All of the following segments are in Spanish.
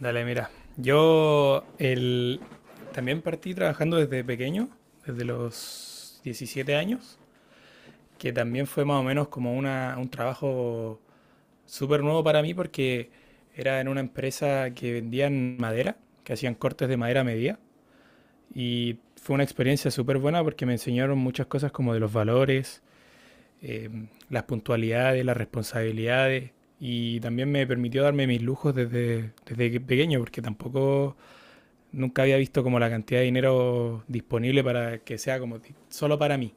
Dale, mira. Yo también partí trabajando desde pequeño, desde los 17 años, que también fue más o menos como un trabajo súper nuevo para mí porque era en una empresa que vendían madera, que hacían cortes de madera a medida. Y fue una experiencia súper buena porque me enseñaron muchas cosas como de los valores, eh, las puntualidades, las responsabilidades. Y también me permitió darme mis lujos desde pequeño porque tampoco nunca había visto como la cantidad de dinero disponible para que sea como solo para mí.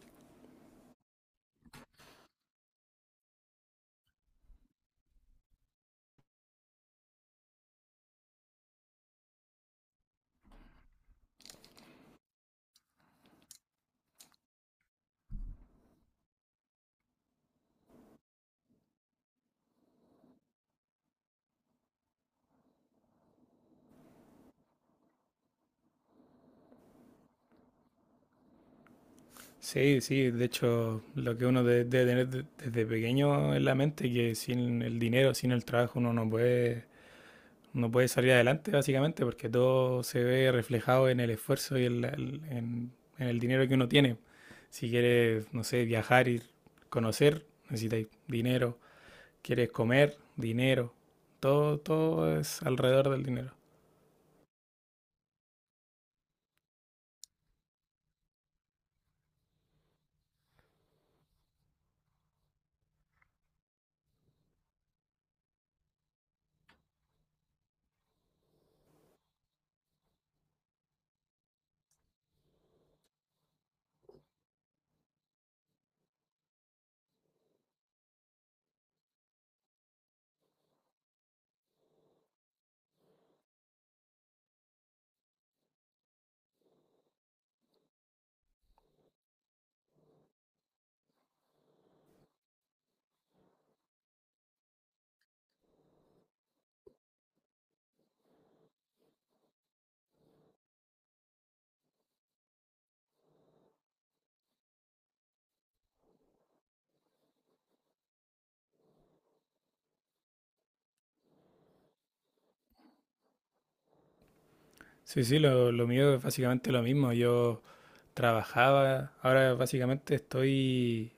Sí, sí, de hecho, lo que uno debe tener desde pequeño en la mente, que sin el dinero, sin el trabajo, uno no puede, no puede salir adelante, básicamente, porque todo se ve reflejado en el esfuerzo y en el dinero que uno tiene. Si quieres, no sé, viajar y conocer, necesitas dinero. Quieres comer, dinero. Todo, todo es alrededor del dinero. Sí, sí, lo mío es básicamente lo mismo. Yo trabajaba, ahora básicamente estoy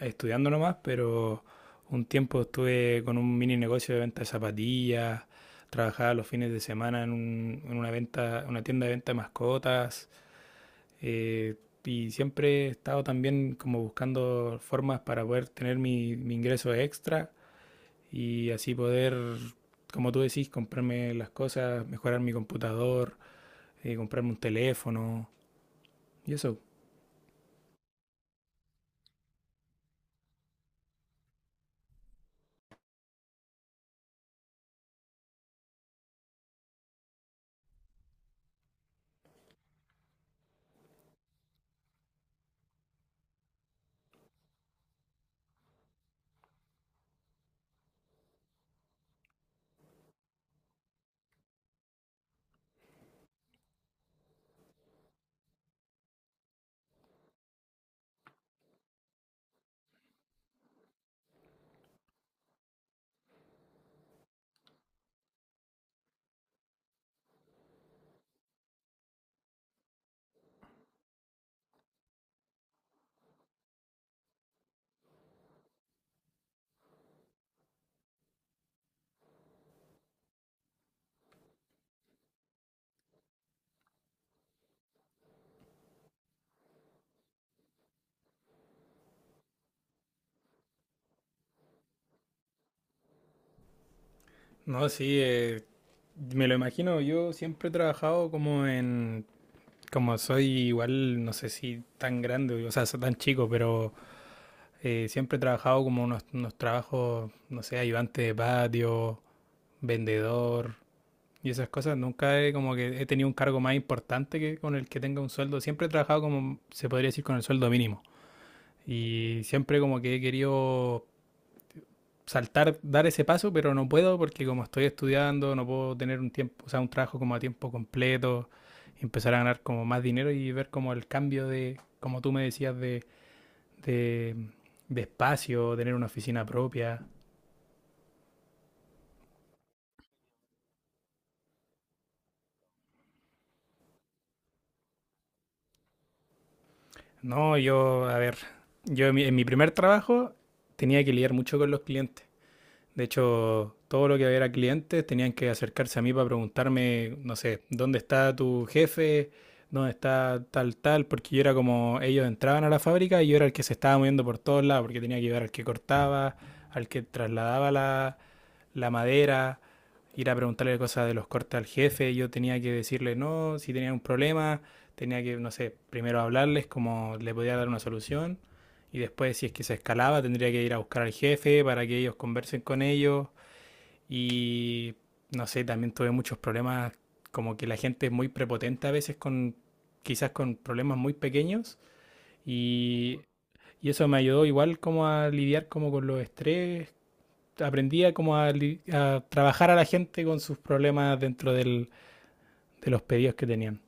estudiando nomás, pero un tiempo estuve con un mini negocio de venta de zapatillas, trabajaba los fines de semana en una venta, una tienda de venta de mascotas, eh, y siempre he estado también como buscando formas para poder tener mi ingreso extra y así poder, como tú decís, comprarme las cosas, mejorar mi computador, comprarme un teléfono y eso. No, sí, me lo imagino. Yo siempre he trabajado como en. Como soy igual, no sé si tan grande, o sea, soy tan chico, pero siempre he trabajado como unos trabajos, no sé, ayudante de patio, vendedor y esas cosas. Nunca he, como que he tenido un cargo más importante que con el que tenga un sueldo. Siempre he trabajado como, se podría decir, con el sueldo mínimo. Y siempre como que he querido saltar, dar ese paso, pero no puedo porque como estoy estudiando, no puedo tener un tiempo, o sea, un trabajo como a tiempo completo, empezar a ganar como más dinero y ver como el cambio de, como tú me decías, de, de espacio, tener una oficina propia. No, yo, a ver, yo en en mi primer trabajo tenía que lidiar mucho con los clientes. De hecho, todo lo que había clientes tenían que acercarse a mí para preguntarme, no sé, ¿dónde está tu jefe? ¿Dónde está tal, tal? Porque yo era como, ellos entraban a la fábrica y yo era el que se estaba moviendo por todos lados, porque tenía que llevar al que cortaba, al que trasladaba la madera, ir a preguntarle cosas de los cortes al jefe, yo tenía que decirle no, si tenía un problema, tenía que, no sé, primero hablarles cómo le podía dar una solución y después si es que se escalaba tendría que ir a buscar al jefe para que ellos conversen con ellos y no sé, también tuve muchos problemas como que la gente es muy prepotente a veces con quizás con problemas muy pequeños. Y, y eso me ayudó igual como a lidiar como con los estrés, aprendía como a trabajar a la gente con sus problemas de los pedidos que tenían.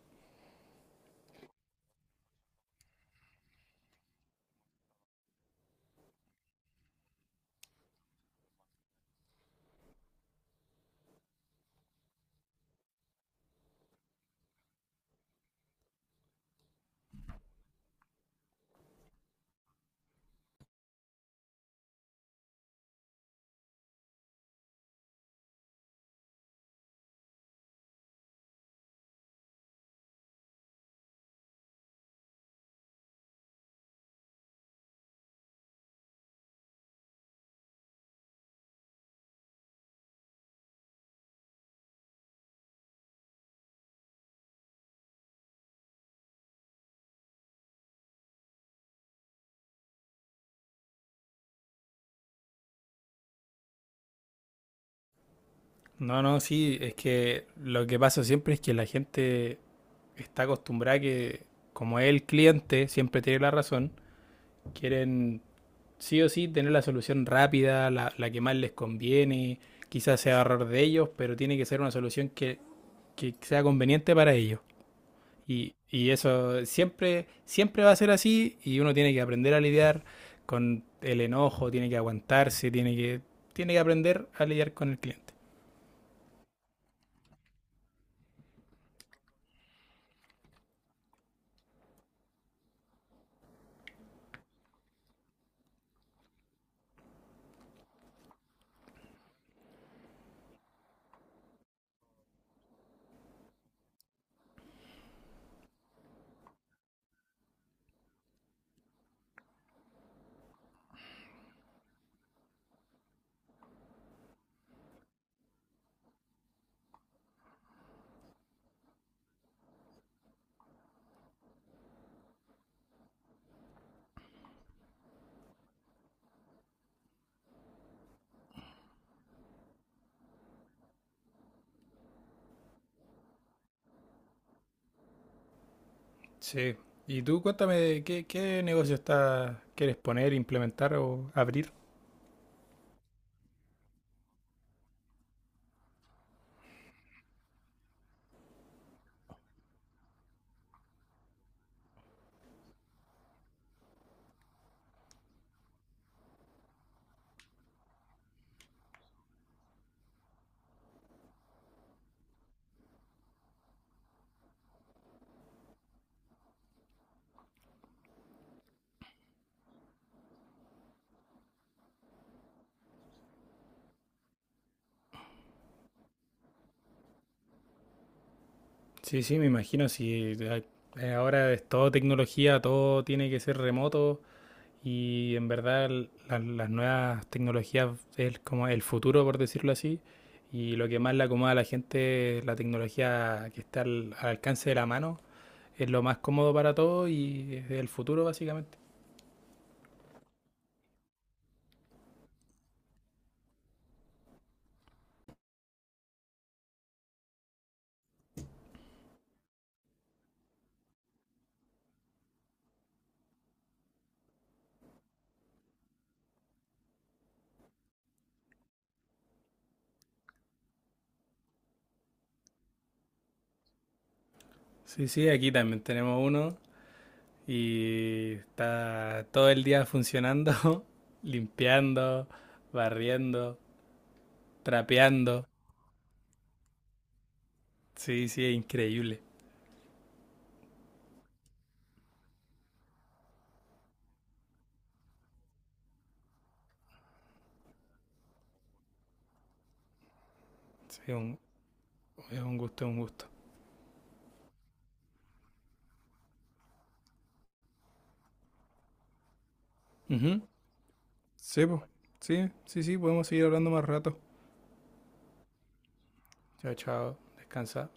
No, no, sí, es que lo que pasa siempre es que la gente está acostumbrada que, como el cliente siempre tiene la razón, quieren sí o sí tener la solución rápida, la que más les conviene, quizás sea error de ellos, pero tiene que ser una solución que sea conveniente para ellos. Y eso siempre, siempre va a ser así y uno tiene que aprender a lidiar con el enojo, tiene que aguantarse, tiene que aprender a lidiar con el cliente. Sí. Y tú cuéntame, ¿qué, qué negocio está, quieres poner, implementar o abrir? Sí, sí, me imagino, si ahora es todo tecnología, todo tiene que ser remoto. Y en verdad las nuevas tecnologías es como el futuro, por decirlo así. Y lo que más le acomoda a la gente la tecnología que está al alcance de la mano. Es lo más cómodo para todos y es el futuro, básicamente. Sí, sí, aquí también tenemos uno y está todo el día funcionando, limpiando, barriendo, trapeando. Sí, sí, es increíble. Sí, un- es un gusto, es un gusto. Ujú. Sí, po. Sí, sí, sí, podemos seguir hablando más rato. Chao, chao. Descansa.